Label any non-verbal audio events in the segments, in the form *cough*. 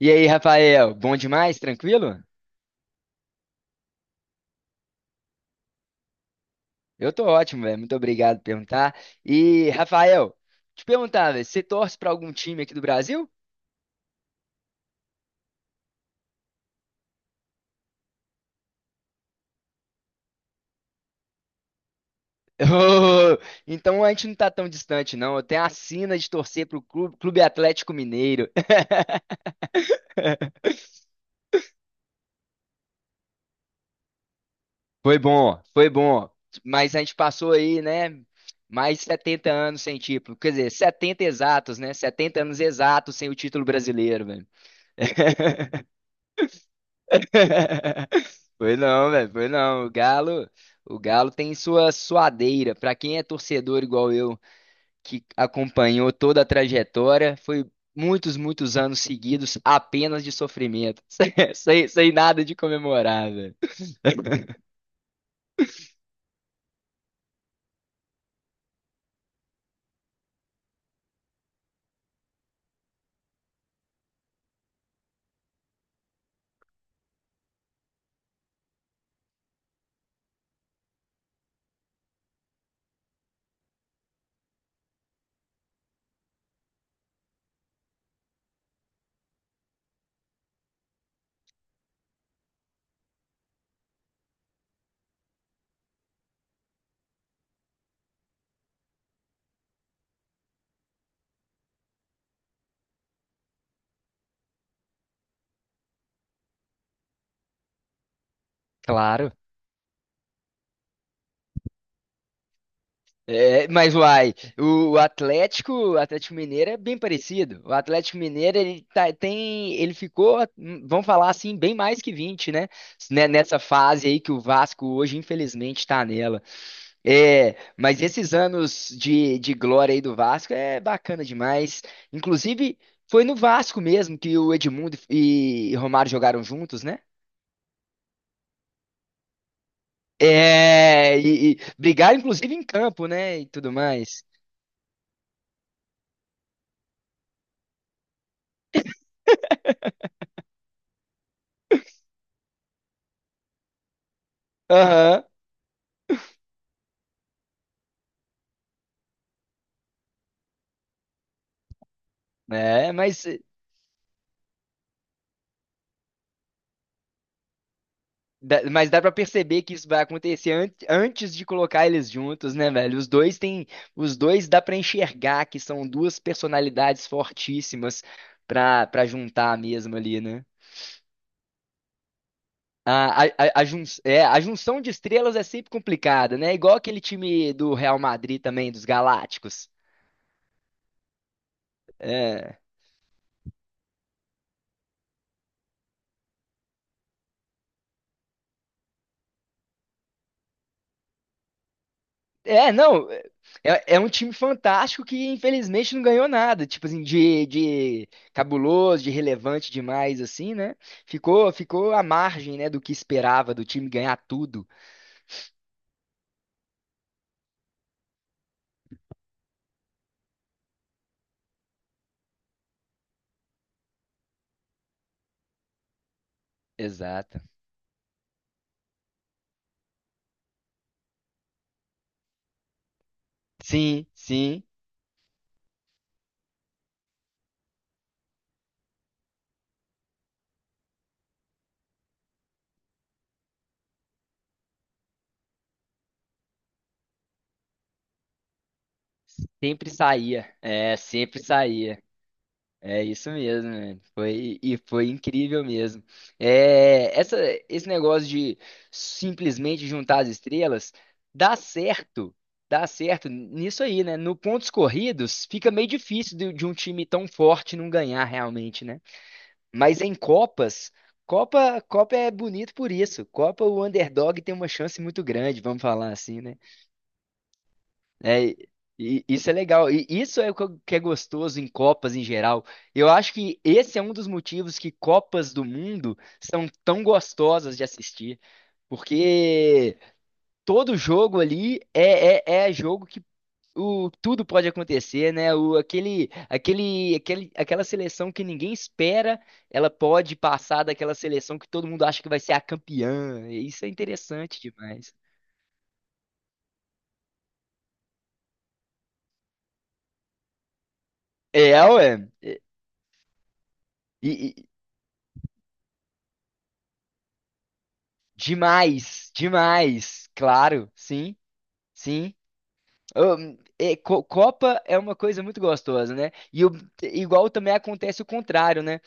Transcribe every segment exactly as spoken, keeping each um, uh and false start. E aí, Rafael, bom demais? Tranquilo? Eu tô ótimo, velho. Muito obrigado por perguntar. E, Rafael, te perguntar, velho, você torce pra algum time aqui do Brasil? *laughs* Ô, então a gente não tá tão distante, não. Eu tenho a sina de torcer pro Clube, Clube Atlético Mineiro. *laughs* Foi bom, foi bom. Mas a gente passou aí, né? Mais de setenta anos sem título. Quer dizer, setenta exatos, né? Setenta anos exatos sem o título brasileiro, velho. *laughs* Foi não, velho, foi não. O Galo, o Galo tem sua suadeira. Pra quem é torcedor igual eu, que acompanhou toda a trajetória, foi muitos, muitos anos seguidos apenas de sofrimento, *laughs* sem, sem sem nada de comemorar, velho. Claro. É, mas uai, o o Atlético, o Atlético Mineiro é bem parecido. O Atlético Mineiro, ele tá- tem, ele ficou, hum, vamos falar assim, bem mais que vinte, né? Né- Nessa fase aí que o Vasco hoje, infelizmente, tá nela. É, mas esses anos de, de glória aí do Vasco é bacana demais. Inclusive, foi no Vasco mesmo que o Edmundo e Romário jogaram juntos, né? É, e, e brigaram inclusive em campo, né? E tudo mais. Aham, é, mas, dá- mas dá pra perceber que isso vai acontecer an- antes de colocar eles juntos, né, velho? Os dois têm, os dois dá pra enxergar que são duas personalidades fortíssimas pra, para juntar mesmo ali, né? A, a, a, a jun- é, a junção de estrelas é sempre complicada, né? Igual aquele time do Real Madrid também, dos Galácticos. É, é não, é, é um time fantástico que infelizmente não ganhou nada, tipo assim, de, de cabuloso, de relevante demais, assim, né? Ficou, ficou à margem, né, do que esperava, do time ganhar tudo. Exato. Sim, sim, sempre saía, é, sempre saía. É isso mesmo, né? Foi, e foi incrível mesmo. É, essa, esse negócio de simplesmente juntar as estrelas dá certo, dá certo nisso aí, né? No pontos corridos fica meio difícil de, de um time tão forte não ganhar realmente, né? Mas em Copas, Copa, Copa é bonito por isso. Copa, o underdog tem uma chance muito grande, vamos falar assim, né? É, e- e isso é legal. E isso é o que eu- que é gostoso em Copas em geral. Eu acho que esse é um dos motivos que Copas do Mundo são tão gostosas de assistir. Porque todo jogo ali é, é, é jogo que o, tudo pode acontecer, né? O, aquele, aquele, aquele, aquela seleção que ninguém espera, ela pode passar daquela seleção que todo mundo acha que vai ser a campeã. Isso é interessante demais. É, ué. E, demais, demais, claro, sim, sim. Ahn, é, co- Copa é uma coisa muito gostosa, né? E o- igual também acontece o contrário, né?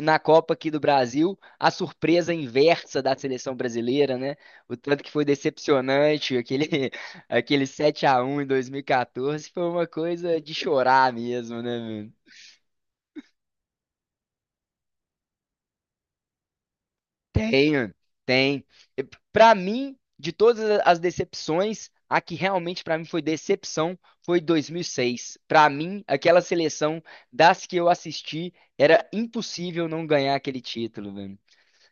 Na Copa aqui do Brasil, a surpresa inversa da seleção brasileira, né? O tanto que foi decepcionante, aquele, *laughs* aquele sete a um em dois mil e quatorze foi uma coisa de chorar mesmo, né? Tem, tem. E pra mim, de todas as decepções, a que realmente pra mim foi decepção foi dois mil e seis. Pra mim, aquela seleção das que eu assisti, era impossível não ganhar aquele título, velho.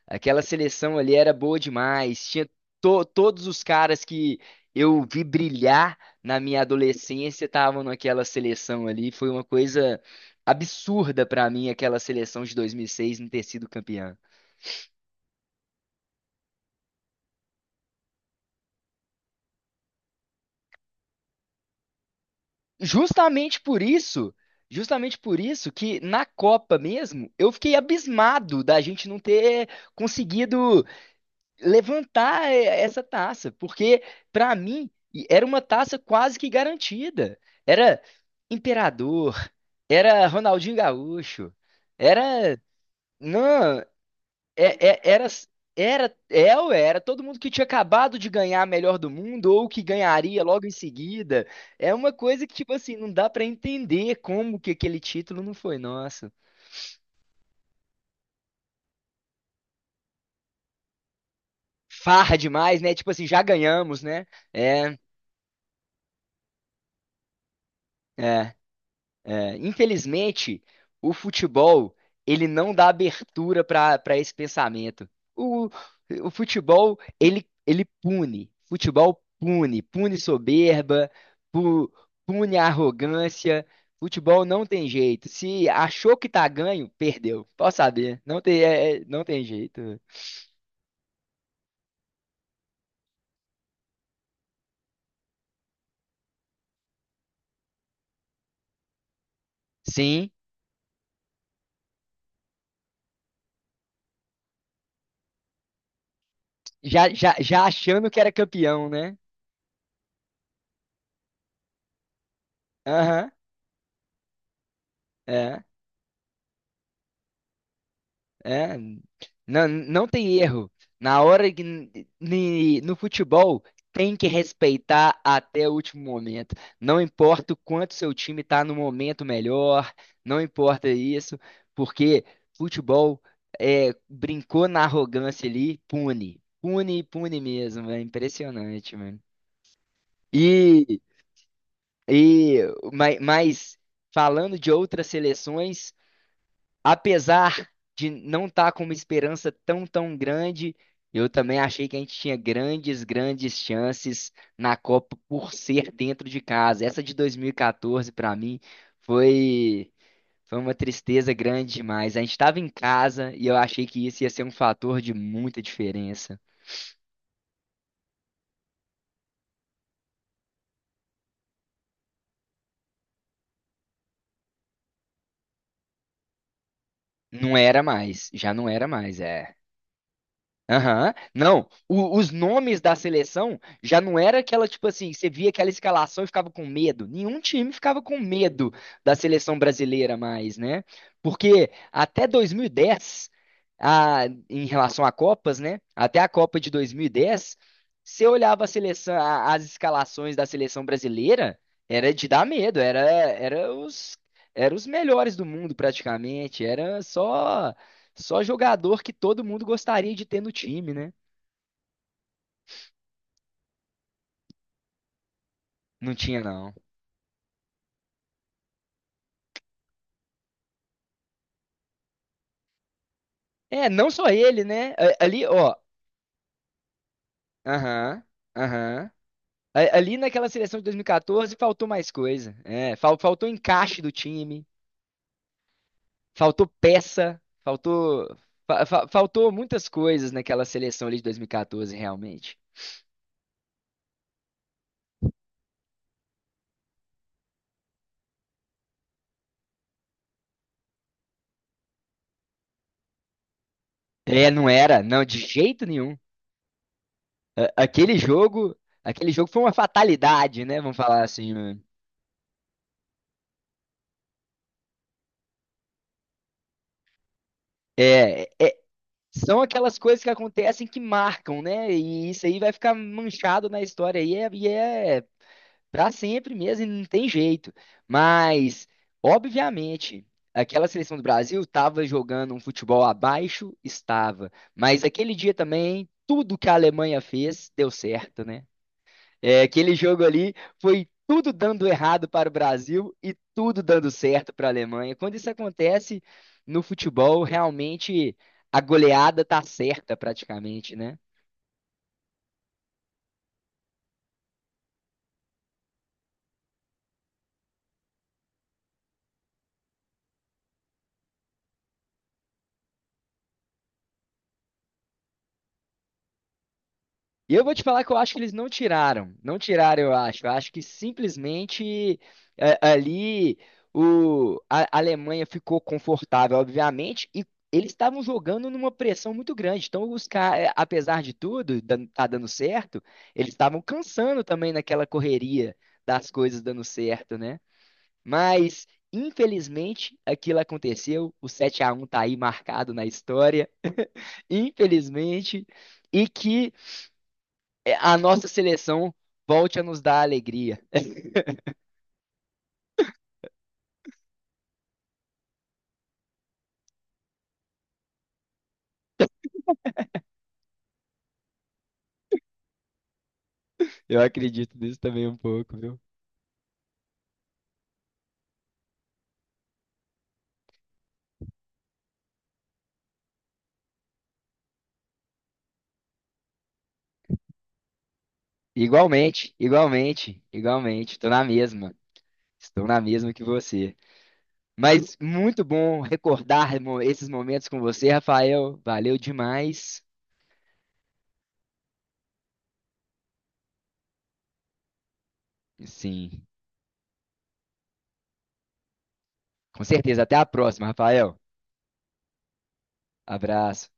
Aquela seleção ali era boa demais. Tinha to- todos os caras que eu vi brilhar na minha adolescência estavam naquela seleção ali. Foi uma coisa absurda pra mim aquela seleção de dois mil e seis não ter sido campeã. Justamente por isso, justamente por isso que na Copa mesmo, eu fiquei abismado da gente não ter conseguido levantar eh, essa taça, porque para mim e- era uma taça quase que garantida. Era Imperador, era Ronaldinho Gaúcho, era não, é- é- era, era, é ou era todo mundo que tinha acabado de ganhar a melhor do mundo ou que ganharia logo em seguida. É uma coisa que, tipo assim, não dá pra entender como que aquele título não foi nosso. Farra demais, né? Tipo assim, já ganhamos, né? É, é. É, infelizmente, o futebol ele não dá abertura para para esse pensamento. O, o futebol ele ele pune. Futebol pune, pune soberba, pu- pune arrogância. Futebol não tem jeito. Se achou que tá ganho, perdeu. Pode saber, não tem é- é- não tem jeito. Sim, já já, já achando que era campeão, né? Aham, é. É, não, não tem erro. Na hora que ni- no futebol tem que respeitar até o último momento. Não importa o quanto seu time está no momento melhor, não importa isso, porque futebol é, brincou na arrogância ali, pune, pune, pune mesmo. É impressionante, mano. E, e mas, mas falando de outras seleções apesar de não estar com uma esperança tão, tão grande, eu também achei que a gente tinha grandes, grandes chances na Copa por ser dentro de casa. Essa de dois mil e quatorze, para mim, foi, foi uma tristeza grande demais. A gente estava em casa e eu achei que isso ia ser um fator de muita diferença. Não era mais, já não era mais, é. Aham. Não, o- os nomes da seleção já não era aquela, tipo assim, você via aquela escalação e ficava com medo. Nenhum time ficava com medo da seleção brasileira mais, né? Porque até dois mil e dez, a, em relação a Copas, né? Até a Copa de dois mil e dez, você olhava a seleção, a- as escalações da seleção brasileira, era de dar medo, era, era os, era os melhores do mundo praticamente, era só. Só jogador que todo mundo gostaria de ter no time, né? Não tinha, não. É, não só ele, né? A- Ali, ó. Aham, aham. A- Ali naquela seleção de dois mil e quatorze faltou mais coisa. É, fal- faltou encaixe do time, faltou peça, faltou. Fa- fa- faltou muitas coisas naquela seleção ali de dois mil e quatorze, realmente. É, não era, não, de jeito nenhum. A- Aquele jogo, aquele jogo foi uma fatalidade, né? Vamos falar assim, né? É, é, são aquelas coisas que acontecem que marcam, né? E isso aí vai ficar manchado na história aí é, e é para sempre mesmo, e não tem jeito. Mas, obviamente, aquela seleção do Brasil estava jogando um futebol abaixo, estava. Mas aquele dia também, tudo que a Alemanha fez deu certo, né? É, aquele jogo ali foi tudo dando errado para o Brasil e tudo dando certo para a Alemanha. Quando isso acontece no futebol, realmente a goleada tá certa praticamente, né? E eu vou te falar que eu acho que eles não tiraram. Não tiraram, eu acho. Eu acho que simplesmente é, ali o, a a Alemanha ficou confortável, obviamente, e eles estavam jogando numa pressão muito grande. Então, os caras, apesar de tudo, dan- tá dando certo, eles estavam cansando também naquela correria das coisas dando certo, né? Mas, infelizmente, aquilo aconteceu. O sete a um tá aí marcado na história. *laughs* Infelizmente. E que é, a nossa seleção volte a nos dar alegria. Eu acredito nisso também um pouco, viu? Igualmente, igualmente, igualmente. Estou na mesma. Estou na mesma que você. Mas muito bom recordar mo- esses momentos com você, Rafael. Valeu demais. Sim, com certeza. Até a próxima, Rafael. Abraço.